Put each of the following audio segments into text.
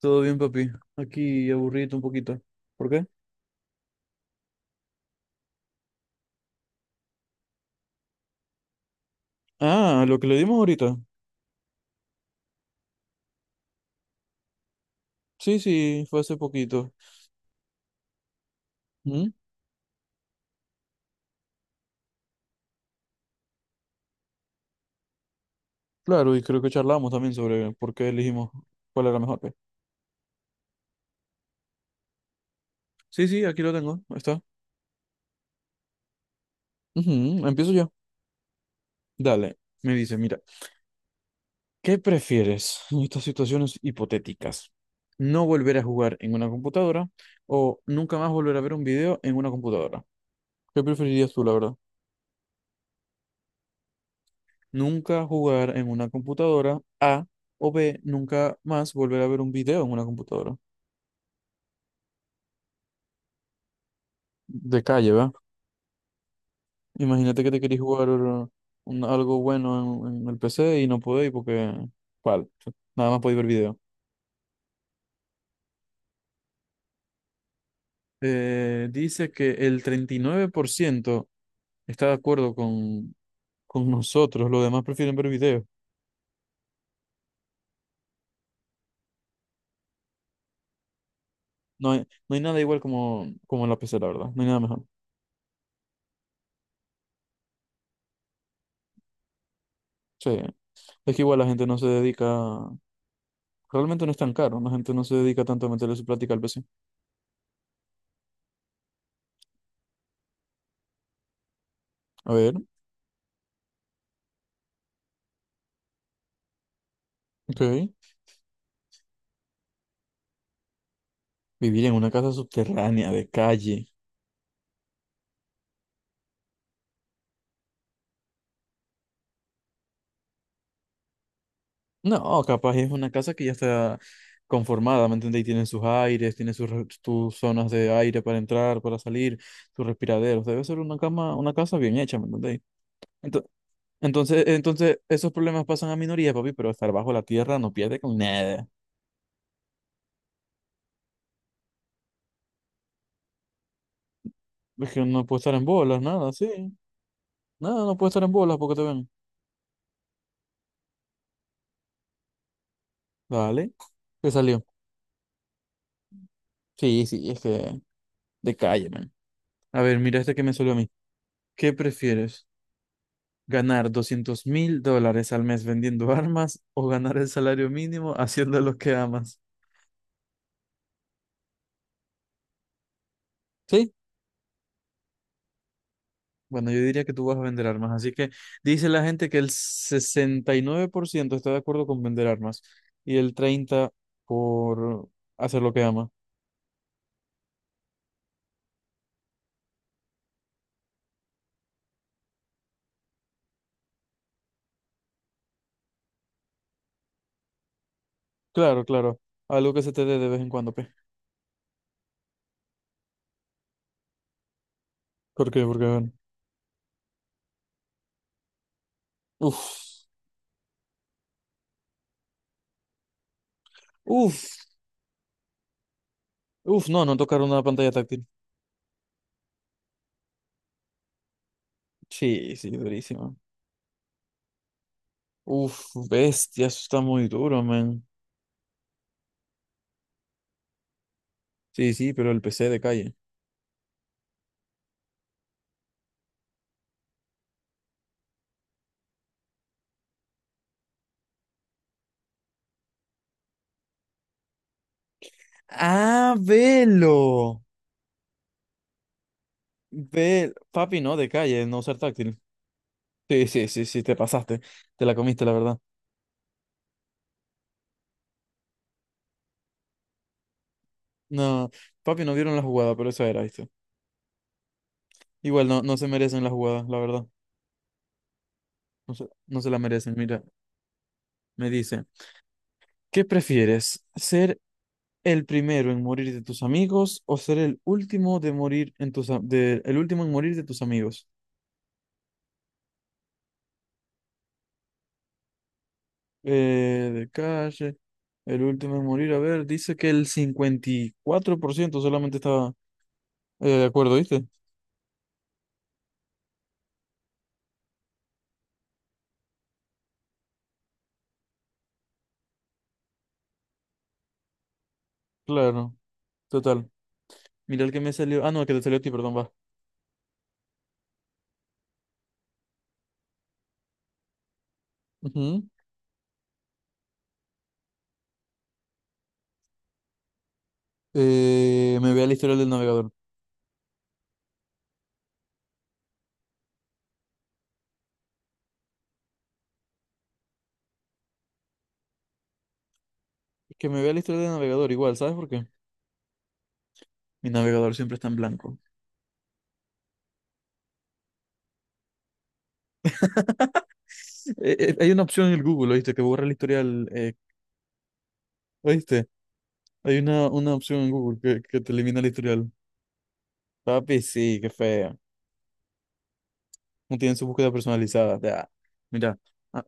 Todo bien, papi. Aquí aburrido un poquito. ¿Por qué? Ah, lo que le dimos ahorita. Sí, sí, fue hace poquito. Mm, Claro, y creo que charlamos también sobre por qué elegimos cuál era mejor, pues. Sí, sí, aquí lo tengo. Ahí está. Ujú, empiezo yo. Dale. Me dice, mira, ¿qué prefieres en estas situaciones hipotéticas? ¿No volver a jugar en una computadora o nunca más volver a ver un video en una computadora? ¿Qué preferirías tú, la verdad? Nunca jugar en una computadora. A o B, nunca más volver a ver un video en una computadora. De calle, ¿va? Imagínate que te querés jugar algo bueno en el PC y no podéis porque... ¿Cuál? Nada más podéis ver video. Dice que el 39% está de acuerdo con nosotros. Los demás prefieren ver video. No hay, no hay nada igual como en la PC, la verdad. No hay nada mejor. Sí. Es que igual la gente no se dedica realmente no es tan caro, la gente no se dedica tanto a meterle su plática al PC. A ver, ok. Vivir en una casa subterránea de calle. No, capaz es una casa que ya está conformada, ¿me entiendes? Y tiene sus aires, tiene sus, tus zonas de aire para entrar, para salir, sus respiraderos. Debe ser una cama, una casa bien hecha, ¿me entendéis? Ento- entonces, esos problemas pasan a minorías, papi, pero estar bajo la tierra no pierde con nada. Es que no puede estar en bolas, nada, sí. Nada, no puede estar en bolas porque te ven. Dale. ¿Qué salió? Sí, sí, es que de calle, man. A ver, mira este que me salió a mí. ¿Qué prefieres? ¿Ganar $200,000 al mes vendiendo armas o ganar el salario mínimo haciendo lo que amas? Sí. Bueno, yo diría que tú vas a vender armas. Así que dice la gente que el 69% está de acuerdo con vender armas y el 30% por ciento por hacer lo que ama. Claro, claro. Algo que se te dé de vez en cuando, pe. ¿Por qué? Porque, bueno. Uf, uf, uf. No, no tocaron una pantalla táctil. Sí, sí, durísimo. Uf, bestia, eso está muy duro, man. Sí, sí, pero el PC de calle. Ah, velo. Ve, papi, no, de calle, no ser táctil. Sí, sí, sí, sí, te pasaste. Te la comiste, la verdad. No, papi, no vieron la jugada, pero eso era, ¿viste? Igual no, no se merecen las jugadas, la verdad. No se la merecen. Mira, me dice, ¿qué prefieres? ¿Ser el primero en morir de tus amigos o ser el último de morir en tus, el último en morir de tus amigos? De calle, el último en morir, a ver, dice que el 54% solamente estaba de acuerdo, ¿viste? Claro, total. Mira el que me salió. Ah, no, el que te salió a ti, perdón, va. Ujú. Me vea el historial del navegador. Es que me vea el historial del navegador igual, ¿sabes por qué? Mi navegador siempre está en blanco. Hay una opción en el Google, ¿oíste? Que borra el historial. ¿Oíste? Hay una opción en Google que te elimina el historial. Papi, sí, qué feo. No tienen su búsqueda personalizada. Ah, mira. ah,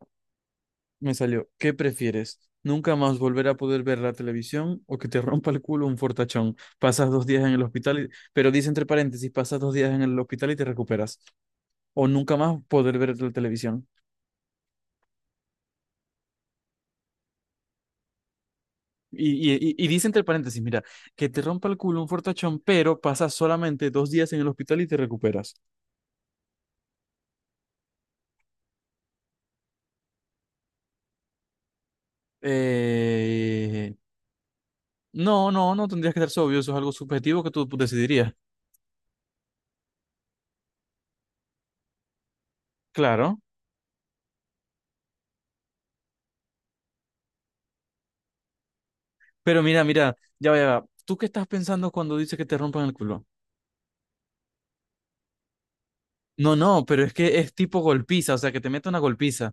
Me salió, ¿qué prefieres? ¿Nunca más volver a poder ver la televisión o que te rompa el culo un fortachón? Pasas 2 días en el hospital, pero dice entre paréntesis, pasas 2 días en el hospital y te recuperas. O nunca más poder ver la televisión. Y dice entre paréntesis, mira, que te rompa el culo un fortachón, pero pasas solamente 2 días en el hospital y te recuperas. Eh, No, no, no tendrías que ser sobrio, eso es algo subjetivo que tú decidirías. Claro. Pero mira, mira, ya va, ya va. ¿Tú qué estás pensando cuando dice que te rompan el culo? No, no, pero es que es tipo golpiza, o sea, que te mete una golpiza.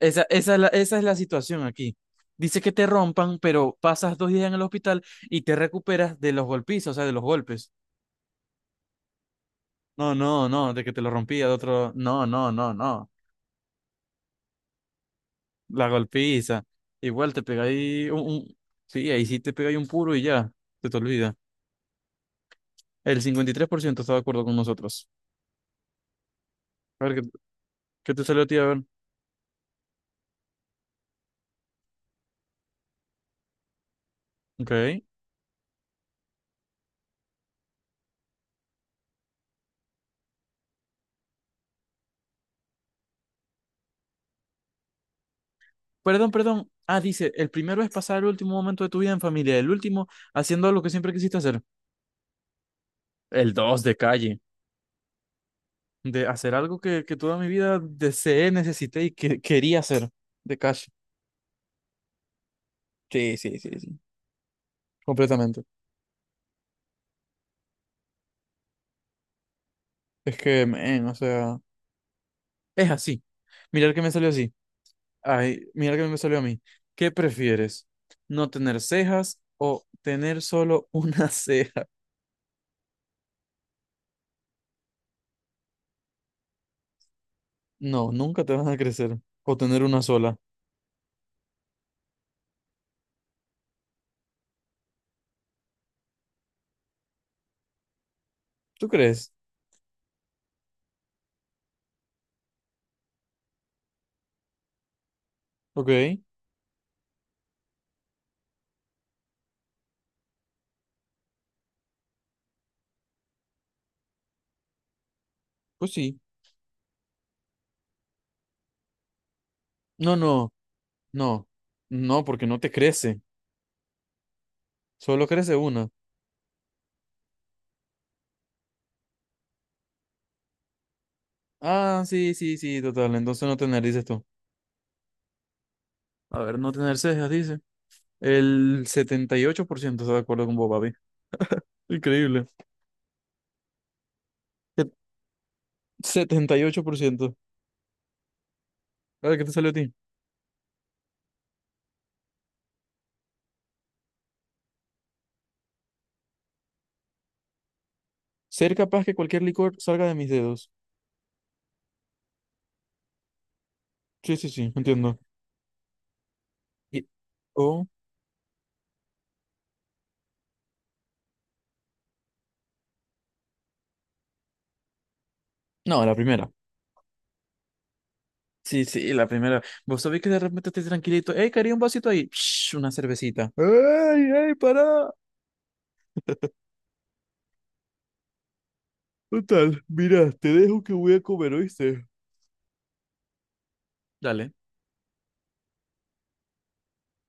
Esa es la situación aquí. Dice que te rompan, pero pasas 2 días en el hospital y te recuperas de los golpizas, o sea, de los golpes. No, no, no, de que te lo rompía de otro. No, no, no, no. La golpiza. Igual te pega ahí. Sí, ahí sí te pega ahí un puro y ya, se te olvida. El 53% está de acuerdo con nosotros. A ver, ¿qué te salió a ti? A ver. Ok. Perdón, perdón. Ah, dice, el primero es pasar el último momento de tu vida en familia, el último haciendo lo que siempre quisiste hacer. El dos de calle, de hacer algo que toda mi vida deseé, necesité y que quería hacer de calle. Sí, sí, sí, sí. Completamente. Es que, men, o sea, es así. Mirar que me salió así. Ay, mirar que me salió a mí. ¿Qué prefieres? ¿No tener cejas o tener solo una ceja? No, nunca te van a crecer. O tener una sola. ¿Tú crees? Ok, pues sí. No, no, no, no, porque no te crece, solo crece una. Ah, sí, sí, sí, total, entonces no tener, dices tú. A ver, no tener cejas, dice. El 78%, está de acuerdo con vos, papi. Increíble. Se- 78%. A ver, ¿qué te salió a ti? Ser capaz que cualquier licor salga de mis dedos. Sí, sí, sí, entiendo. Y- O... No, la primera. Sí, sí, la primera. Vos sabés que de repente estés tranquilito. ¡Ey, quería un vasito ahí! Psh, una cervecita. ¡Ey, ey, pará! Total, mira, te dejo que voy a comer, ¿oíste? Dale.